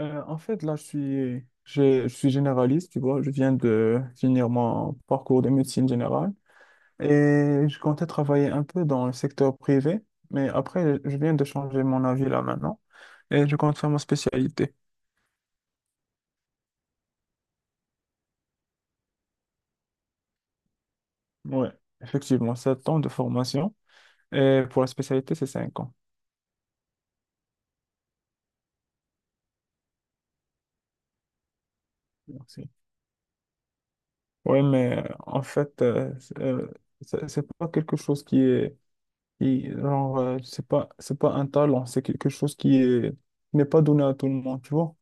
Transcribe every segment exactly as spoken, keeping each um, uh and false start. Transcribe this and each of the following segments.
Euh, en fait, là, je suis, je, je suis généraliste, tu vois. Je viens de finir mon parcours de médecine générale et je comptais travailler un peu dans le secteur privé, mais après, je viens de changer mon avis là maintenant et je compte faire ma spécialité. Ouais, effectivement, sept ans de formation et pour la spécialité, c'est cinq ans. Merci. Ouais, mais euh, en fait, euh, c'est euh, c'est- c'est pas quelque chose qui est, qui- genre, euh, c'est pas, c'est pas un talent, c'est quelque chose qui est, qui n'est pas donné à tout le monde, tu vois.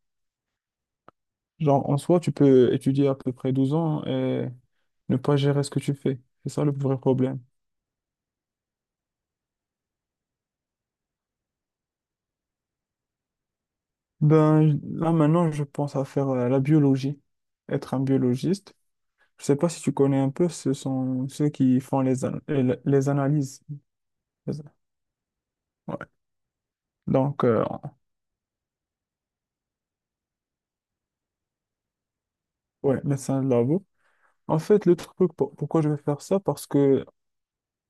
Genre, en soi, tu peux étudier à peu près douze ans et ne pas gérer ce que tu fais. C'est ça le vrai problème. Ben, j- là, maintenant, je pense à faire euh, la biologie, être un biologiste. Je sais pas si tu connais un peu, ce sont ceux qui font les, an- les les analyses. Les- Ouais. Donc, euh, ouais, médecin de labo. En fait, le truc, pour- pourquoi je vais faire ça, parce que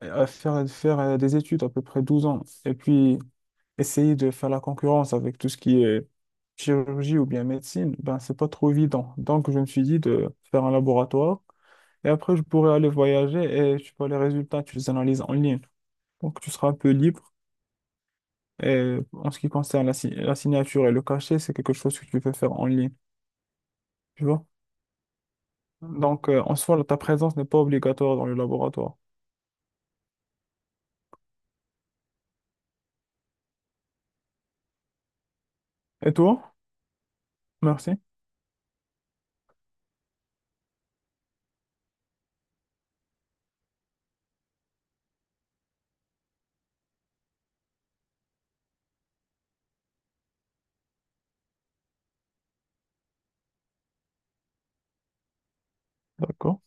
euh, faire, faire euh, des études à peu près douze ans, et puis essayer de faire la concurrence avec tout ce qui est chirurgie ou bien médecine, ben, c'est pas trop évident. Donc, je me suis dit de faire un laboratoire et après, je pourrais aller voyager et tu vois les résultats, tu les analyses en ligne. Donc, tu seras un peu libre. Et en ce qui concerne la, si- la signature et le cachet, c'est quelque chose que tu peux faire en ligne, tu vois. Donc, euh, en soi, ta présence n'est pas obligatoire dans le laboratoire. Et toi? Merci. D'accord.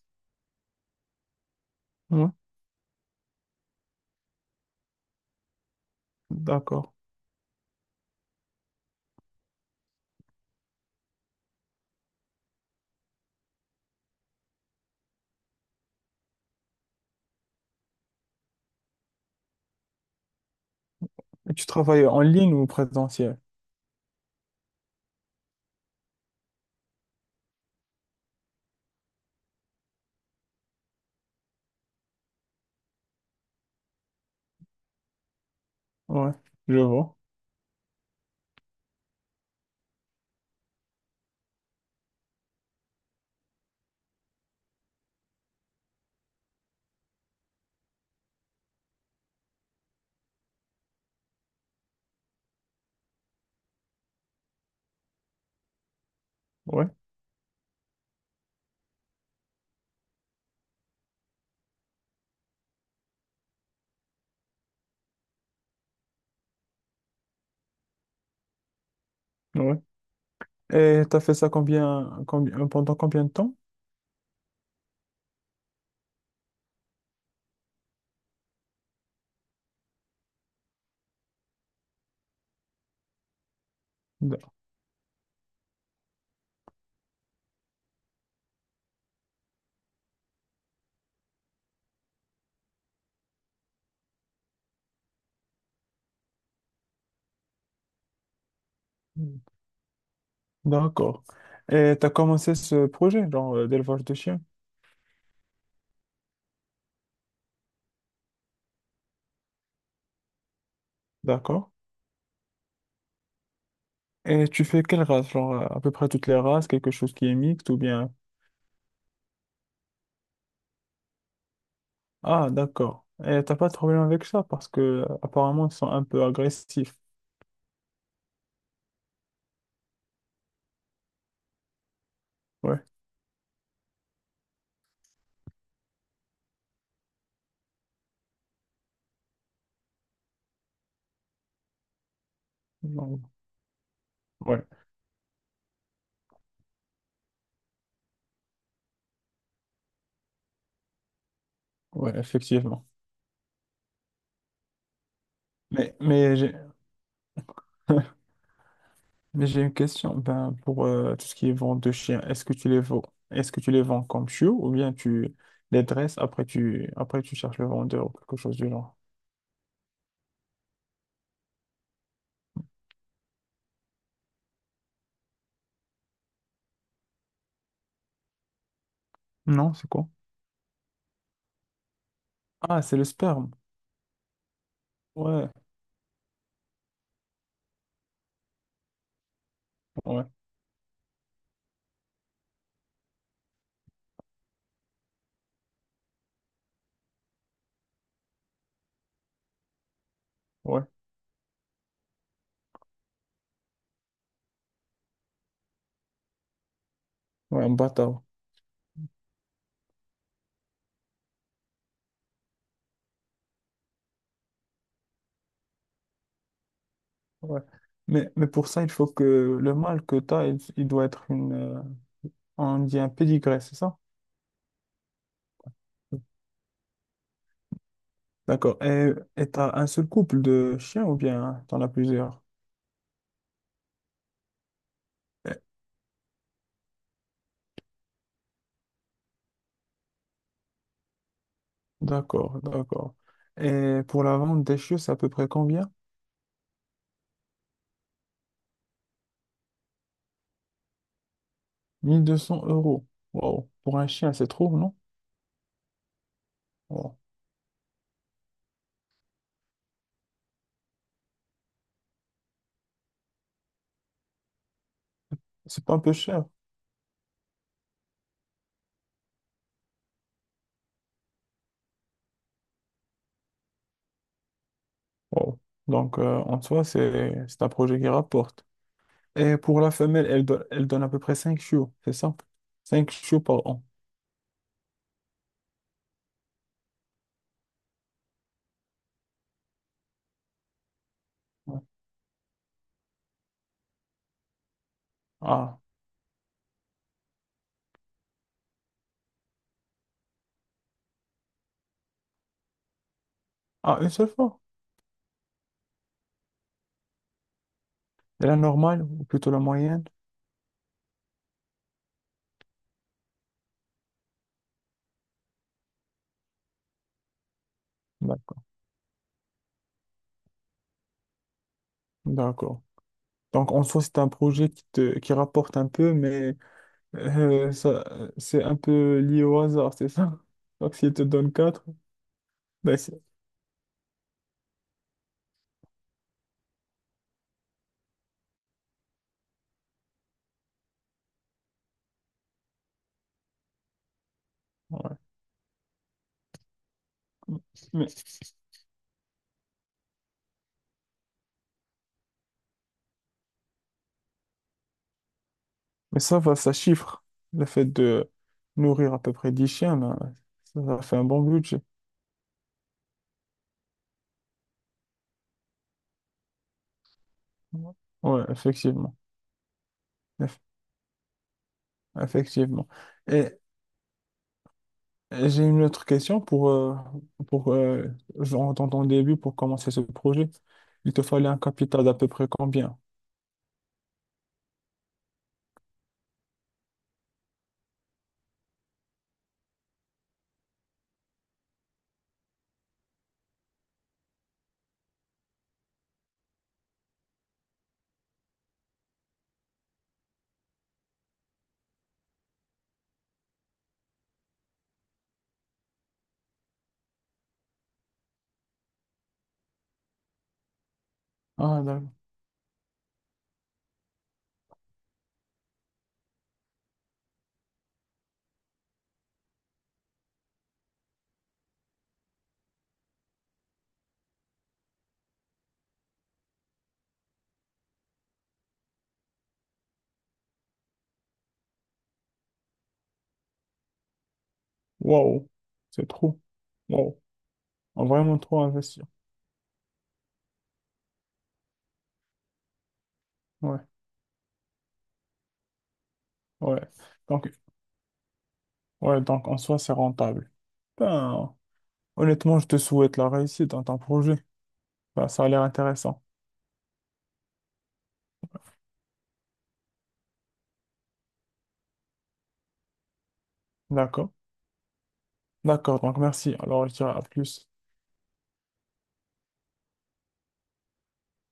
Ouais, d'accord. Et tu travailles en ligne ou présentiel? Ouais, je vois. Ouais, ouais. Et t'as fait ça combien, combien, euh, pendant combien de temps? D- D'accord. Et tu as commencé ce projet, genre euh, d'élevage de chiens. D'accord. Et tu fais quelle race? Genre euh, à peu près toutes les races, quelque chose qui est mixte ou bien... Ah, d'accord. Et t'as pas de problème avec ça parce que euh, apparemment ils sont un peu agressifs. Ouais. Donc, ouais. Ouais, effectivement. Mais, mais j'ai mais j'ai une question. Ben, pour euh, tout ce qui est vente de chiens, est-ce que tu les vends? Est-ce que tu les vends comme chiots ou bien tu les dresses après tu après tu cherches le vendeur ou quelque chose du genre? Non, c'est quoi? Ah, c'est le sperme. Ouais, ouais, ouais, ouais, un bâtard. Ouais. Mais, mais pour ça, il faut que le mâle que tu as, il, il doit être une. Euh, on dit un pédigré, c'est ça? D'accord. Et et t'as un seul couple de chiens ou bien t'en as plusieurs? Eh, d'accord, d'accord. Et pour la vente des chiens, c'est à peu près combien? Mille deux cents euros. Wow. Pour un chien, c'est trop, non? Wow. C'est pas un peu cher. Wow. Donc, euh, en soi, c'est c'est un projet qui rapporte. Et pour la femelle, elle, do- elle donne à peu près cinq chiots, c'est ça? Cinq chiots par an. Ouais. Ah, ah, une seule fois. Et la normale, ou plutôt la moyenne? D'accord. D'accord. Donc, en soi, c'est un projet qui, te, qui rapporte un peu, mais euh, ça, c'est un peu lié au hasard, c'est ça? Donc, s'il te donne quatre ben c'est- ouais. Mais, mais ça va, ça chiffre. Le fait de nourrir à peu près dix chiens, ben, ça, ça fait un bon budget. Ouais, effectivement. Eff- Effectivement. Et Euh, j'ai une autre question pour, euh, pour euh, genre, dans ton début, pour commencer ce projet. Il te fallait un capital d'à peu près combien? Ah, d'accord. Waouh, c'est trop. Waouh, vraiment trop investir. Ouais, ouais. Donc, ouais, donc en soi, c'est rentable. Ben, honnêtement, je te souhaite la réussite dans ton projet. Ben, ça a l'air intéressant. D'accord. D'accord, donc merci. Alors, je dirais à plus.